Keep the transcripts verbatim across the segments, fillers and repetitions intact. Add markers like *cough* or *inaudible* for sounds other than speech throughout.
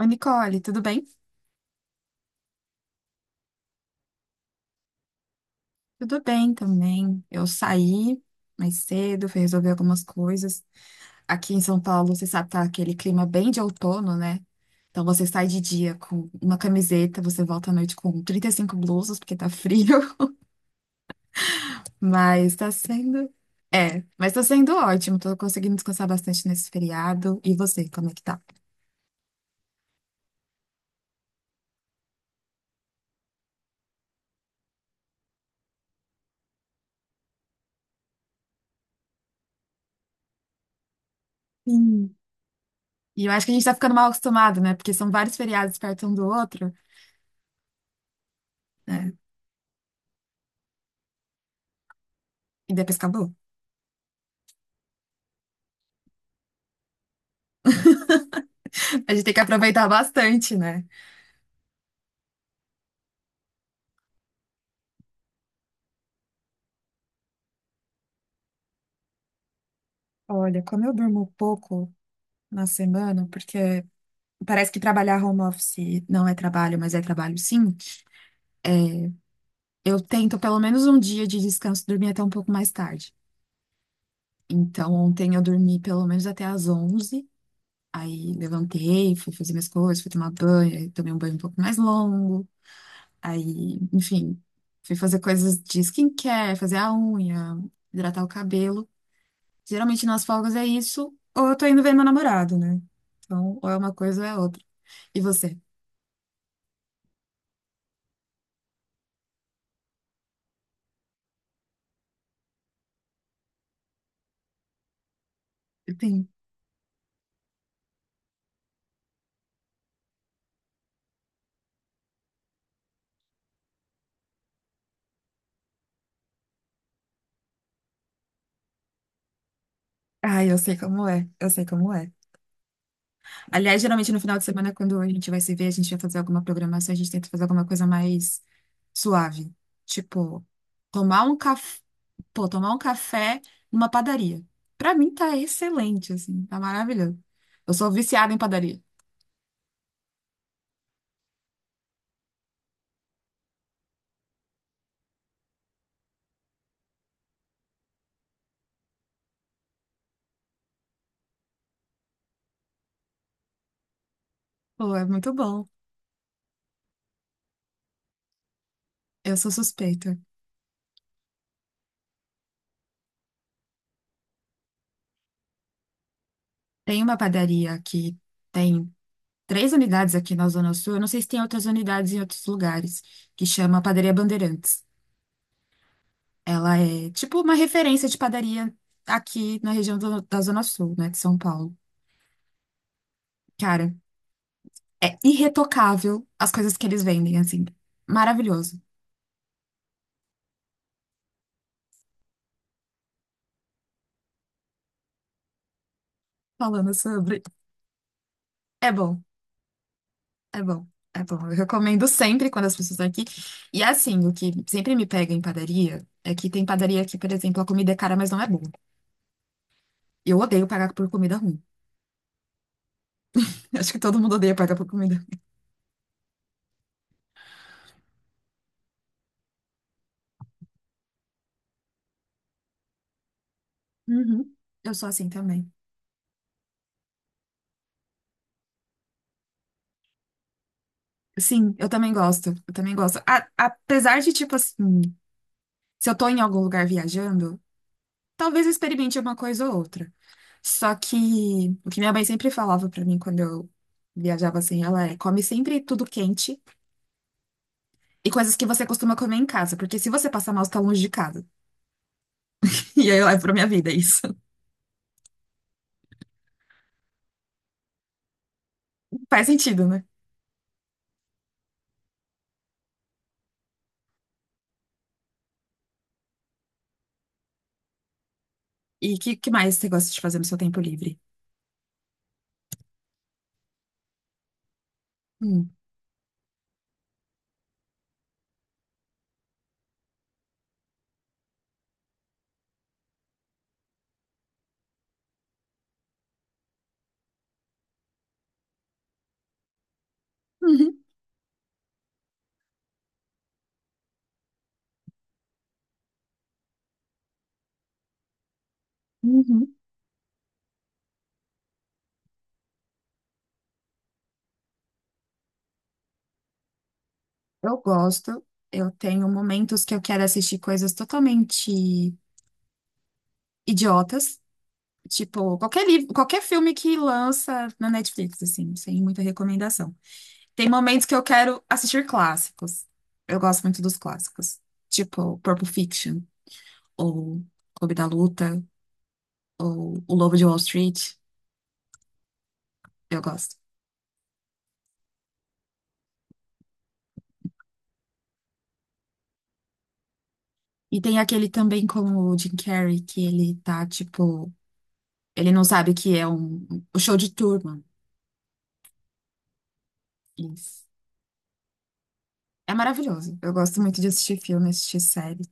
Oi, Nicole, tudo bem? Tudo bem também. Eu saí mais cedo, fui resolver algumas coisas. Aqui em São Paulo, você sabe, tá aquele clima bem de outono, né? Então você sai de dia com uma camiseta, você volta à noite com trinta e cinco blusas, porque tá frio, *laughs* mas tá sendo. É, mas tá sendo ótimo, tô conseguindo descansar bastante nesse feriado. E você, como é que tá? Sim. E eu acho que a gente tá ficando mal acostumado, né? Porque são vários feriados perto um do outro, né? E depois acabou. *laughs* A gente tem que aproveitar bastante, né? Olha, como eu durmo pouco na semana, porque parece que trabalhar home office não é trabalho, mas é trabalho sim, eu tento pelo menos um dia de descanso dormir até um pouco mais tarde. Então, ontem eu dormi pelo menos até às onze. Aí levantei, fui fazer minhas coisas, fui tomar banho, aí tomei um banho um pouco mais longo, aí, enfim, fui fazer coisas de skincare, fazer a unha, hidratar o cabelo. Geralmente nas folgas é isso, ou eu tô indo ver meu namorado, né? Então, ou é uma coisa ou é outra. E você? Sim. ah eu sei como é, eu sei como é. Aliás, geralmente no final de semana, quando a gente vai se ver, a gente vai fazer alguma programação, a gente tenta fazer alguma coisa mais suave. Tipo, tomar um café, pô, tomar um café numa padaria. Pra mim tá excelente, assim, tá maravilhoso. Eu sou viciada em padaria. Pô, é muito bom. Eu sou suspeita. Tem uma padaria que tem três unidades aqui na Zona Sul. Eu não sei se tem outras unidades em outros lugares, que chama Padaria Bandeirantes. Ela é tipo uma referência de padaria aqui na região do- da Zona Sul, né, de São Paulo. Cara, é irretocável as coisas que eles vendem, assim. Maravilhoso. Falando sobre. É bom, é bom. É bom, eu recomendo sempre quando as pessoas estão aqui. E assim, o que sempre me pega em padaria é que tem padaria que, por exemplo, a comida é cara, mas não é boa. Eu odeio pagar por comida ruim. *laughs* Acho que todo mundo odeia pagar por comida. Uhum. Eu sou assim também. Sim, eu também gosto. Eu também gosto. A- apesar de, tipo assim, se eu tô em algum lugar viajando, talvez eu experimente uma coisa ou outra. Só que o que minha mãe sempre falava pra mim quando eu viajava assim, ela é: come sempre tudo quente e coisas que você costuma comer em casa, porque se você passar mal, você tá longe de casa. *laughs* E aí eu levo pra minha vida isso. *laughs* Faz sentido, né? E o que, que mais você gosta de fazer no seu tempo livre? Hum. Uhum. Uhum. Eu gosto. Eu tenho momentos que eu quero assistir coisas totalmente idiotas. Tipo, qualquer livro, qualquer filme que lança na Netflix, assim, sem muita recomendação. Tem momentos que eu quero assistir clássicos. Eu gosto muito dos clássicos. Tipo, Pulp Fiction, ou Clube da Luta, ou O Lobo de Wall Street. Eu gosto. E tem aquele também com o Jim Carrey, que ele tá, tipo, ele não sabe o que é um, um, o show de Truman. Isso. É maravilhoso. Eu gosto muito de assistir filme, assistir série.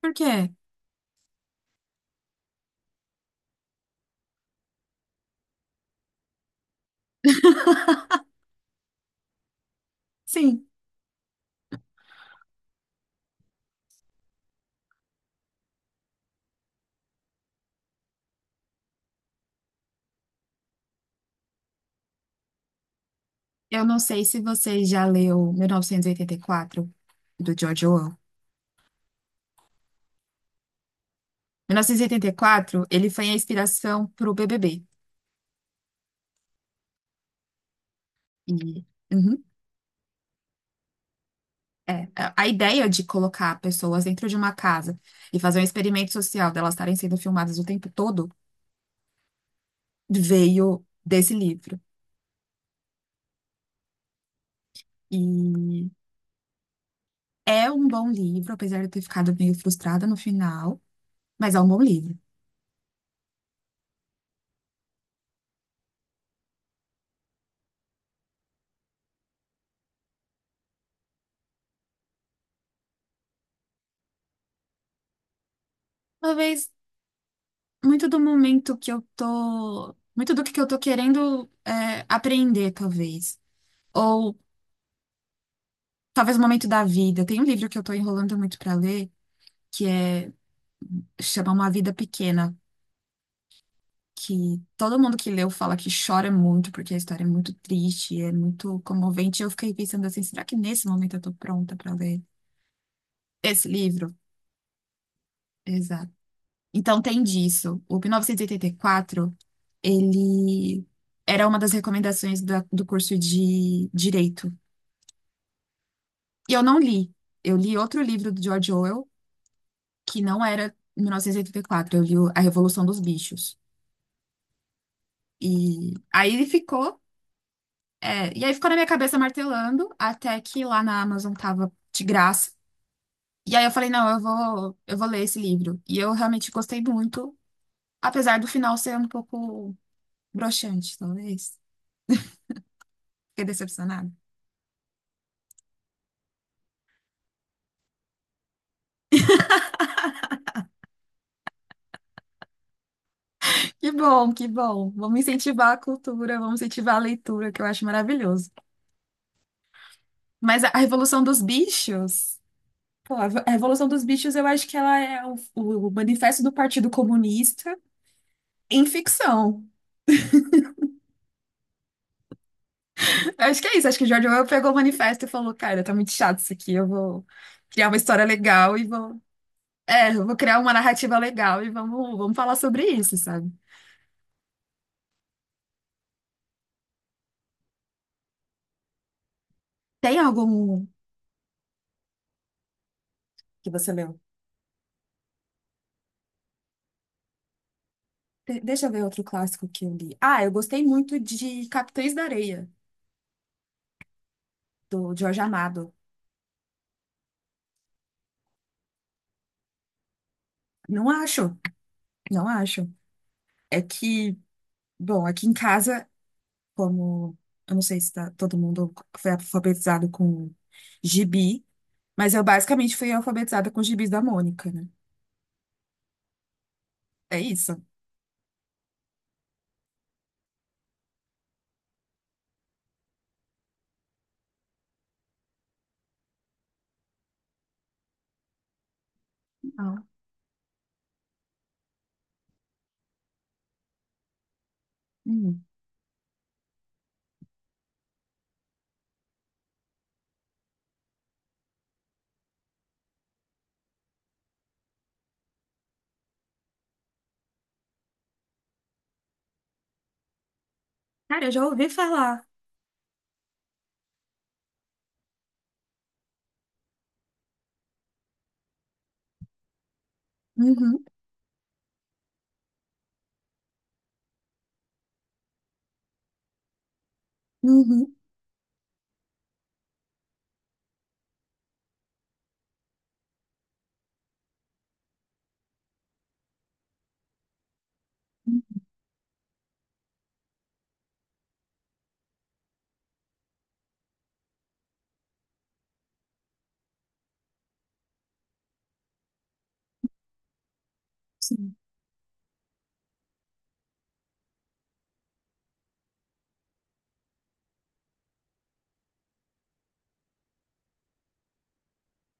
Por quê? Sim, eu não sei se você já leu mil novecentos e oitenta e quatro, do George Orwell. mil novecentos e oitenta e quatro, ele foi a inspiração para o B B B. E, uhum, é, a a ideia de colocar pessoas dentro de uma casa e fazer um experimento social delas estarem sendo filmadas o tempo todo veio desse livro. E é um bom livro, apesar de eu ter ficado meio frustrada no final, mas é um bom livro. Talvez muito do momento que eu tô, muito do que eu tô querendo é, aprender, talvez. Ou talvez o momento da vida. Tem um livro que eu tô enrolando muito pra ler, que é chama Uma Vida Pequena, que todo mundo que leu fala que chora muito, porque a história é muito triste, é muito comovente. E eu fiquei pensando assim, será que nesse momento eu tô pronta pra ler esse livro? Exato. Então tem disso. O mil novecentos e oitenta e quatro, ele era uma das recomendações da- do curso de direito. E eu não li. Eu li outro livro do George Orwell, que não era mil novecentos e oitenta e quatro, eu li o- A Revolução dos Bichos. E aí ele ficou, é, e aí ficou na minha cabeça martelando, até que lá na Amazon tava de graça. E aí eu falei, não, eu vou, eu vou ler esse livro. E eu realmente gostei muito, apesar do final ser um pouco broxante, talvez. Fiquei decepcionada. Que bom, que bom. Vamos incentivar a cultura, vamos incentivar a leitura, que eu acho maravilhoso. Mas a a Revolução dos Bichos. Pô, a Revo- a Revolução dos Bichos, eu acho que ela é o, o manifesto do Partido Comunista em ficção. *laughs* Acho que é isso. Acho que o George Orwell pegou o manifesto e falou: Cara, tá muito chato isso aqui. Eu vou criar uma história legal e vou. É, eu vou criar uma narrativa legal e vamos, vamos falar sobre isso, sabe? Tem algum que você leu? De- deixa eu ver outro clássico que eu li. Ah, eu gostei muito de Capitães da Areia, do Jorge Amado. Não acho, não acho. É que, bom, aqui em casa. Como, eu não sei se tá, todo mundo foi alfabetizado com gibi, mas eu basicamente fui alfabetizada com os gibis da Mônica, né? É isso. Não. Uhum. Cara, eu já ouvi falar. Uhum, uhum, uhum, sim.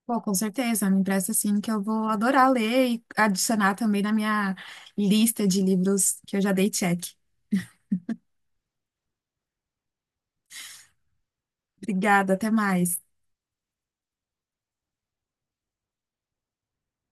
Pô, com certeza, me empresta assim que eu vou adorar ler e adicionar também na minha lista de livros que eu já dei check. Obrigada, até mais.